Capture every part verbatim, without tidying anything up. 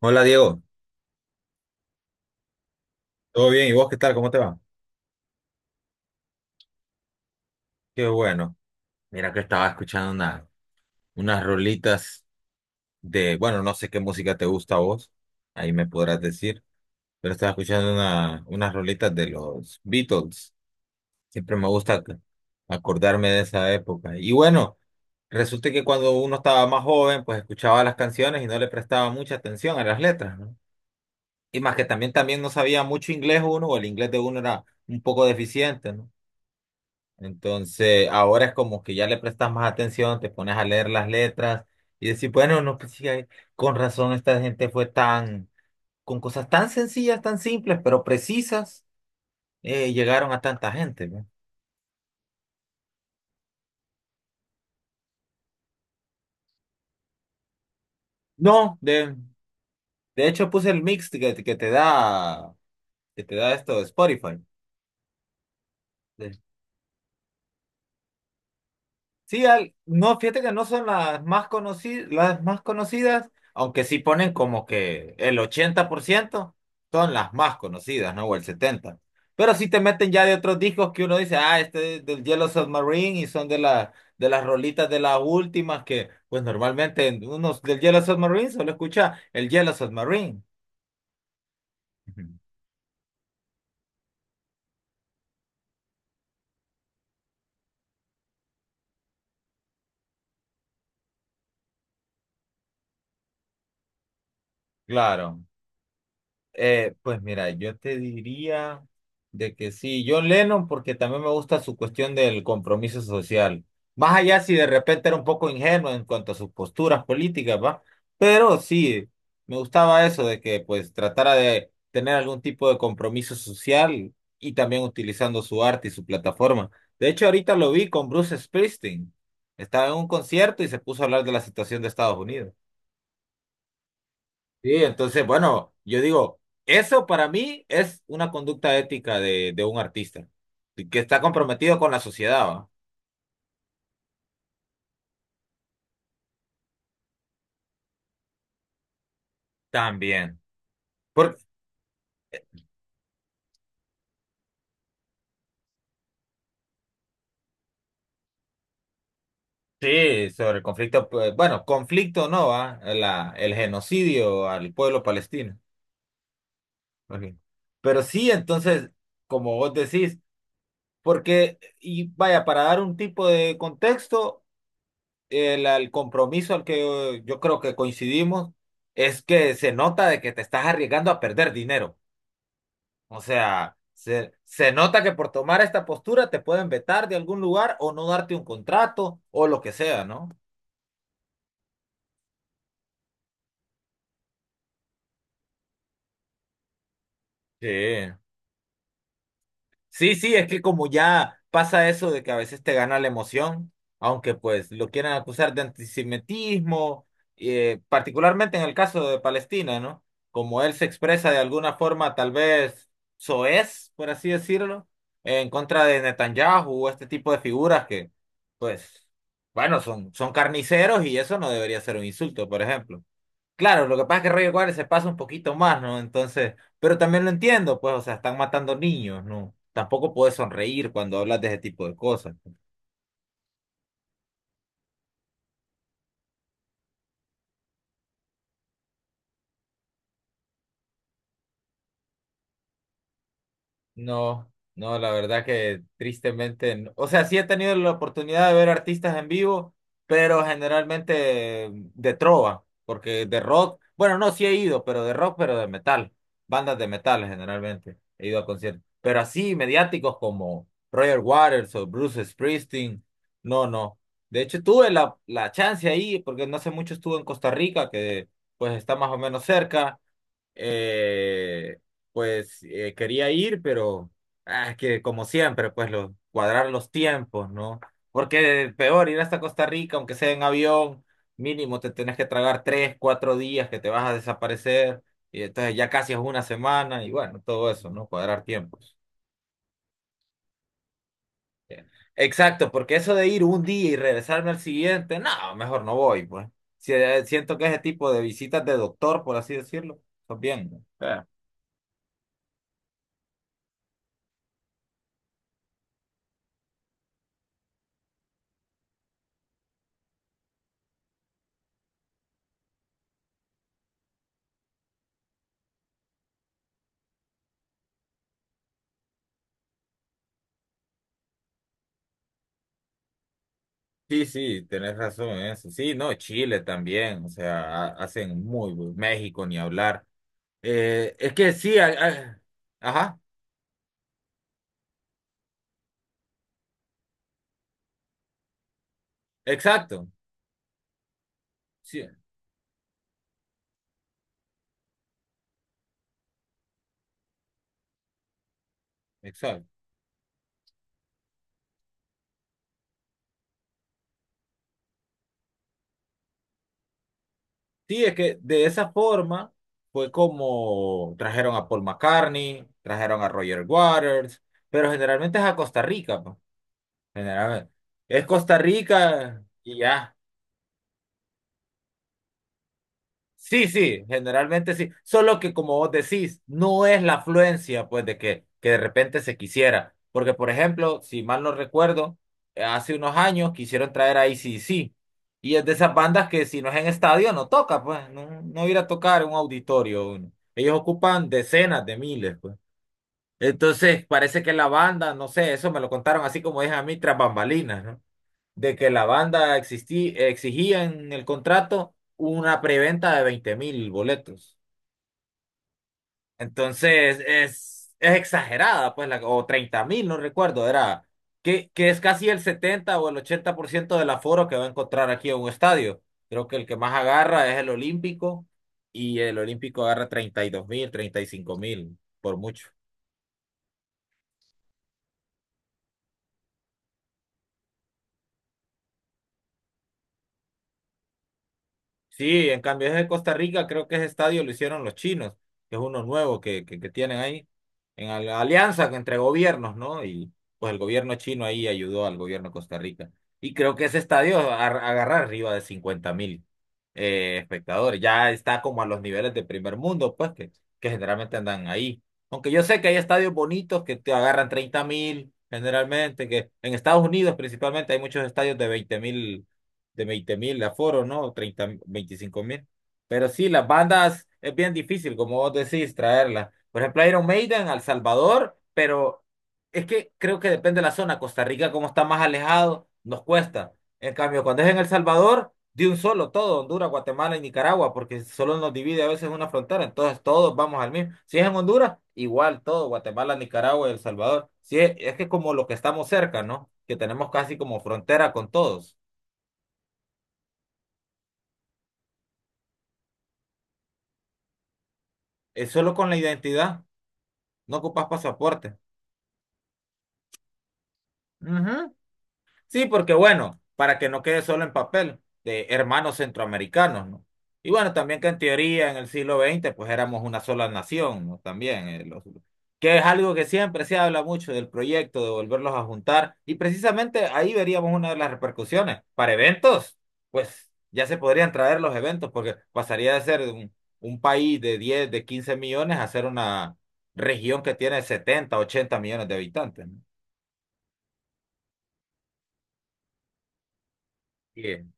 Hola Diego, ¿todo bien? ¿Y vos qué tal? ¿Cómo te va? Qué bueno. Mira que estaba escuchando una, unas rolitas de, bueno, no sé qué música te gusta a vos, ahí me podrás decir, pero estaba escuchando una, unas rolitas de los Beatles. Siempre me gusta ac- acordarme de esa época. Y bueno, resulta que cuando uno estaba más joven, pues escuchaba las canciones y no le prestaba mucha atención a las letras, ¿no? Y más que también, también no sabía mucho inglés uno, o el inglés de uno era un poco deficiente, ¿no? Entonces, ahora es como que ya le prestas más atención, te pones a leer las letras y decir, bueno, no, pues sí, hay- con razón esta gente fue tan, con cosas tan sencillas, tan simples, pero precisas, eh, llegaron a tanta gente, ¿no? No, de, de hecho puse el mix que, que te da, que te da esto de Spotify. Sí, al- no, fíjate que no son las más conocidas, las más conocidas, aunque sí ponen como que el ochenta por ciento son las más conocidas, ¿no? O el setenta por ciento. Pero sí te meten ya de otros discos que uno dice, ah, este es del Yellow Submarine y son de la, de las rolitas de las últimas que, pues normalmente en unos del Yellow Submarine solo escucha el Yellow Submarine. Ujú. Claro. Eh, pues mira, yo te diría de que sí, John Lennon, porque también me gusta su cuestión del compromiso social. Más allá si de repente era un poco ingenuo en cuanto a sus posturas políticas, ¿va? Pero sí, me gustaba eso de que pues tratara de tener algún tipo de compromiso social y también utilizando su arte y su plataforma. De hecho, ahorita lo vi con Bruce Springsteen. Estaba en un concierto y se puso a hablar de la situación de Estados Unidos. Sí, entonces, bueno, yo digo, eso para mí es una conducta ética de, de un artista, que está comprometido con la sociedad, ¿va? También. Por- sí, sobre el conflicto, pues, bueno, conflicto no, ¿va? La- el genocidio al pueblo palestino. Ok. Pero sí, entonces, como vos decís, porque, y vaya, para dar un tipo de contexto, el, el compromiso al que eh, yo creo que coincidimos es que se nota de que te estás arriesgando a perder dinero. O sea, se, se nota que por tomar esta postura te pueden vetar de algún lugar o no darte un contrato o lo que sea, ¿no? Sí. Sí, sí, es que como ya pasa eso de que a veces te gana la emoción, aunque pues lo quieran acusar de antisemitismo, eh, particularmente en el caso de Palestina, ¿no? Como él se expresa de alguna forma tal vez soez, por así decirlo, en contra de Netanyahu o este tipo de figuras que, pues, bueno, son, son carniceros y eso no debería ser un insulto, por ejemplo. Claro, lo que pasa es que Rayo Cuadra se pasa un poquito más, ¿no? Entonces, pero también lo entiendo, pues, o sea, están matando niños, ¿no? Tampoco puedes sonreír cuando hablas de ese tipo de cosas. No, no, la verdad que tristemente, no. O sea, sí he tenido la oportunidad de ver artistas en vivo, pero generalmente de trova, porque de rock, bueno, no, sí he ido, pero de rock, pero de metal, bandas de metal generalmente, he ido a conciertos, pero así mediáticos como Roger Waters o Bruce Springsteen, no, no. De hecho, tuve la, la chance ahí, porque no hace mucho estuve en Costa Rica, que pues está más o menos cerca, eh, pues eh, quería ir, pero ah, que como siempre, pues lo, cuadrar los tiempos, ¿no? Porque peor ir hasta Costa Rica, aunque sea en avión, mínimo te tenés que tragar tres, cuatro días que te vas a desaparecer, y entonces ya casi es una semana, y bueno, todo eso, ¿no? Cuadrar tiempos. Exacto, porque eso de ir un día y regresarme al siguiente, no, mejor no voy, pues. Si- eh, siento que ese tipo de visitas de doctor, por así decirlo, está bien, ¿no? Sí, sí, tenés razón en eso. Sí, no, Chile también, o sea, ha- hacen muy buen México ni hablar. Eh, es que sí, hay- hay- ajá, exacto, sí, exacto. Sí, es que de esa forma fue como trajeron a Paul McCartney, trajeron a Roger Waters, pero generalmente es a Costa Rica, pues, generalmente. Es Costa Rica y ya. Sí, sí, generalmente sí. Solo que como vos decís, no es la afluencia, pues, de que, que de repente se quisiera. Porque, por ejemplo, si mal no recuerdo, eh, hace unos años quisieron traer a ac Y es de esas bandas que si no es en estadio no toca, pues, no, no ir a tocar en un auditorio. Uno. Ellos ocupan decenas de miles, pues. Entonces, parece que la banda, no sé, eso me lo contaron así como dije a mí tras bambalinas, ¿no? De que la banda existí- exigía en el contrato una preventa de veinte mil boletos. Entonces es, es exagerada, pues, la, o treinta mil, no recuerdo, era que, que es casi el setenta o el ochenta por ciento del aforo que va a encontrar aquí en un estadio. Creo que el que más agarra es el Olímpico y el Olímpico agarra treinta y dos mil, treinta y cinco mil, por mucho. Sí, en cambio es de Costa Rica, creo que ese estadio lo hicieron los chinos, que es uno nuevo que, que, que tienen ahí, en al- alianza entre gobiernos, ¿no? Y pues el gobierno chino ahí ayudó al gobierno de Costa Rica. Y creo que ese estadio ar- agarra arriba de cincuenta mil eh, espectadores, ya está como a los niveles de primer mundo, pues que, que generalmente andan ahí. Aunque yo sé que hay estadios bonitos que te agarran treinta mil generalmente, que en Estados Unidos principalmente hay muchos estadios de veinte mil de veinte mil aforo, ¿no? Treinta veinticinco mil. Pero sí, las bandas es bien difícil, como vos decís, traerlas. Por ejemplo, Iron Maiden al Salvador, pero es que creo que depende de la zona. Costa Rica, como está más alejado, nos cuesta. En cambio, cuando es en El Salvador, de un solo todo, Honduras, Guatemala y Nicaragua, porque solo nos divide a veces una frontera, entonces todos vamos al mismo. Si es en Honduras, igual todo, Guatemala, Nicaragua y El Salvador. Si es, es que como lo que estamos cerca, ¿no? Que tenemos casi como frontera con todos. Es solo con la identidad. No ocupas pasaporte. Ujú. Sí, porque bueno, para que no quede solo en papel, de hermanos centroamericanos, ¿no? Y bueno, también que en teoría en el siglo veinte, pues éramos una sola nación, ¿no? También, eh, los- que es algo que siempre se habla mucho del proyecto de volverlos a juntar y precisamente ahí veríamos una de las repercusiones. Para eventos, pues ya se podrían traer los eventos porque pasaría de ser un, un país de diez, de quince millones a ser una región que tiene setenta, ochenta millones de habitantes, ¿no?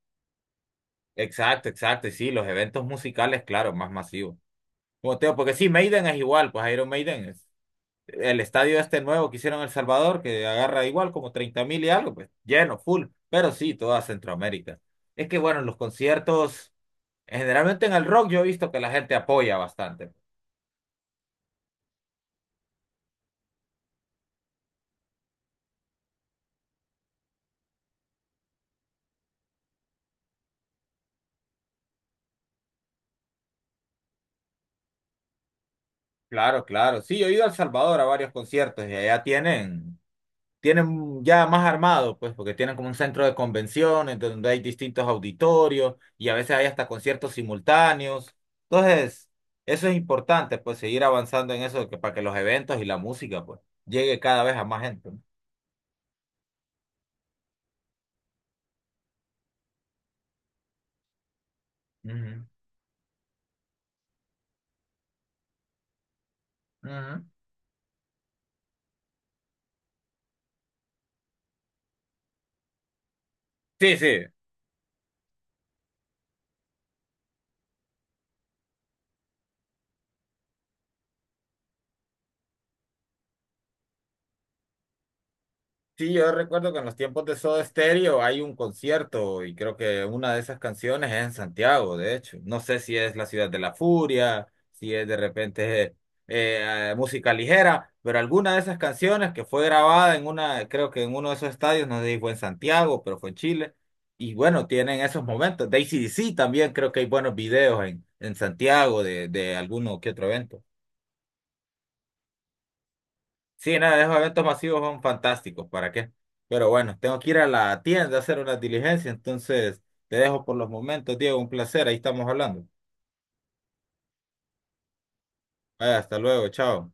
Exacto, exacto, y sí, los eventos musicales, claro, más masivos. Como te digo, porque sí, Maiden es igual, pues Iron Maiden es el estadio este nuevo que hicieron en El Salvador, que agarra igual como treinta mil y algo, pues lleno, full, pero sí, toda Centroamérica. Es que bueno, los conciertos, generalmente en el rock yo he visto que la gente apoya bastante. Claro, claro, sí, yo he ido a El Salvador a varios conciertos y allá tienen tienen ya más armado, pues, porque tienen como un centro de convenciones donde hay distintos auditorios y a veces hay hasta conciertos simultáneos. Entonces, eso es importante, pues, seguir avanzando en eso de que, para que los eventos y la música, pues, llegue cada vez a más gente, ¿no? Ujú, ujú. Sí, sí. Sí, yo recuerdo que en los tiempos de Soda Stereo hay un concierto y creo que una de esas canciones es en Santiago, de hecho. No sé si es la ciudad de la furia, si es de repente, eh, eh, música ligera, pero alguna de esas canciones que fue grabada en una, creo que en uno de esos estadios, no sé si fue en Santiago, pero fue en Chile. Y bueno, tienen esos momentos. De ac también creo que hay buenos videos en, en Santiago de, de alguno que otro evento. Sí, nada, esos eventos masivos son fantásticos, ¿para qué? Pero bueno, tengo que ir a la tienda a hacer una diligencia, entonces te dejo por los momentos, Diego, un placer, ahí estamos hablando. Vaya, hasta luego, chao.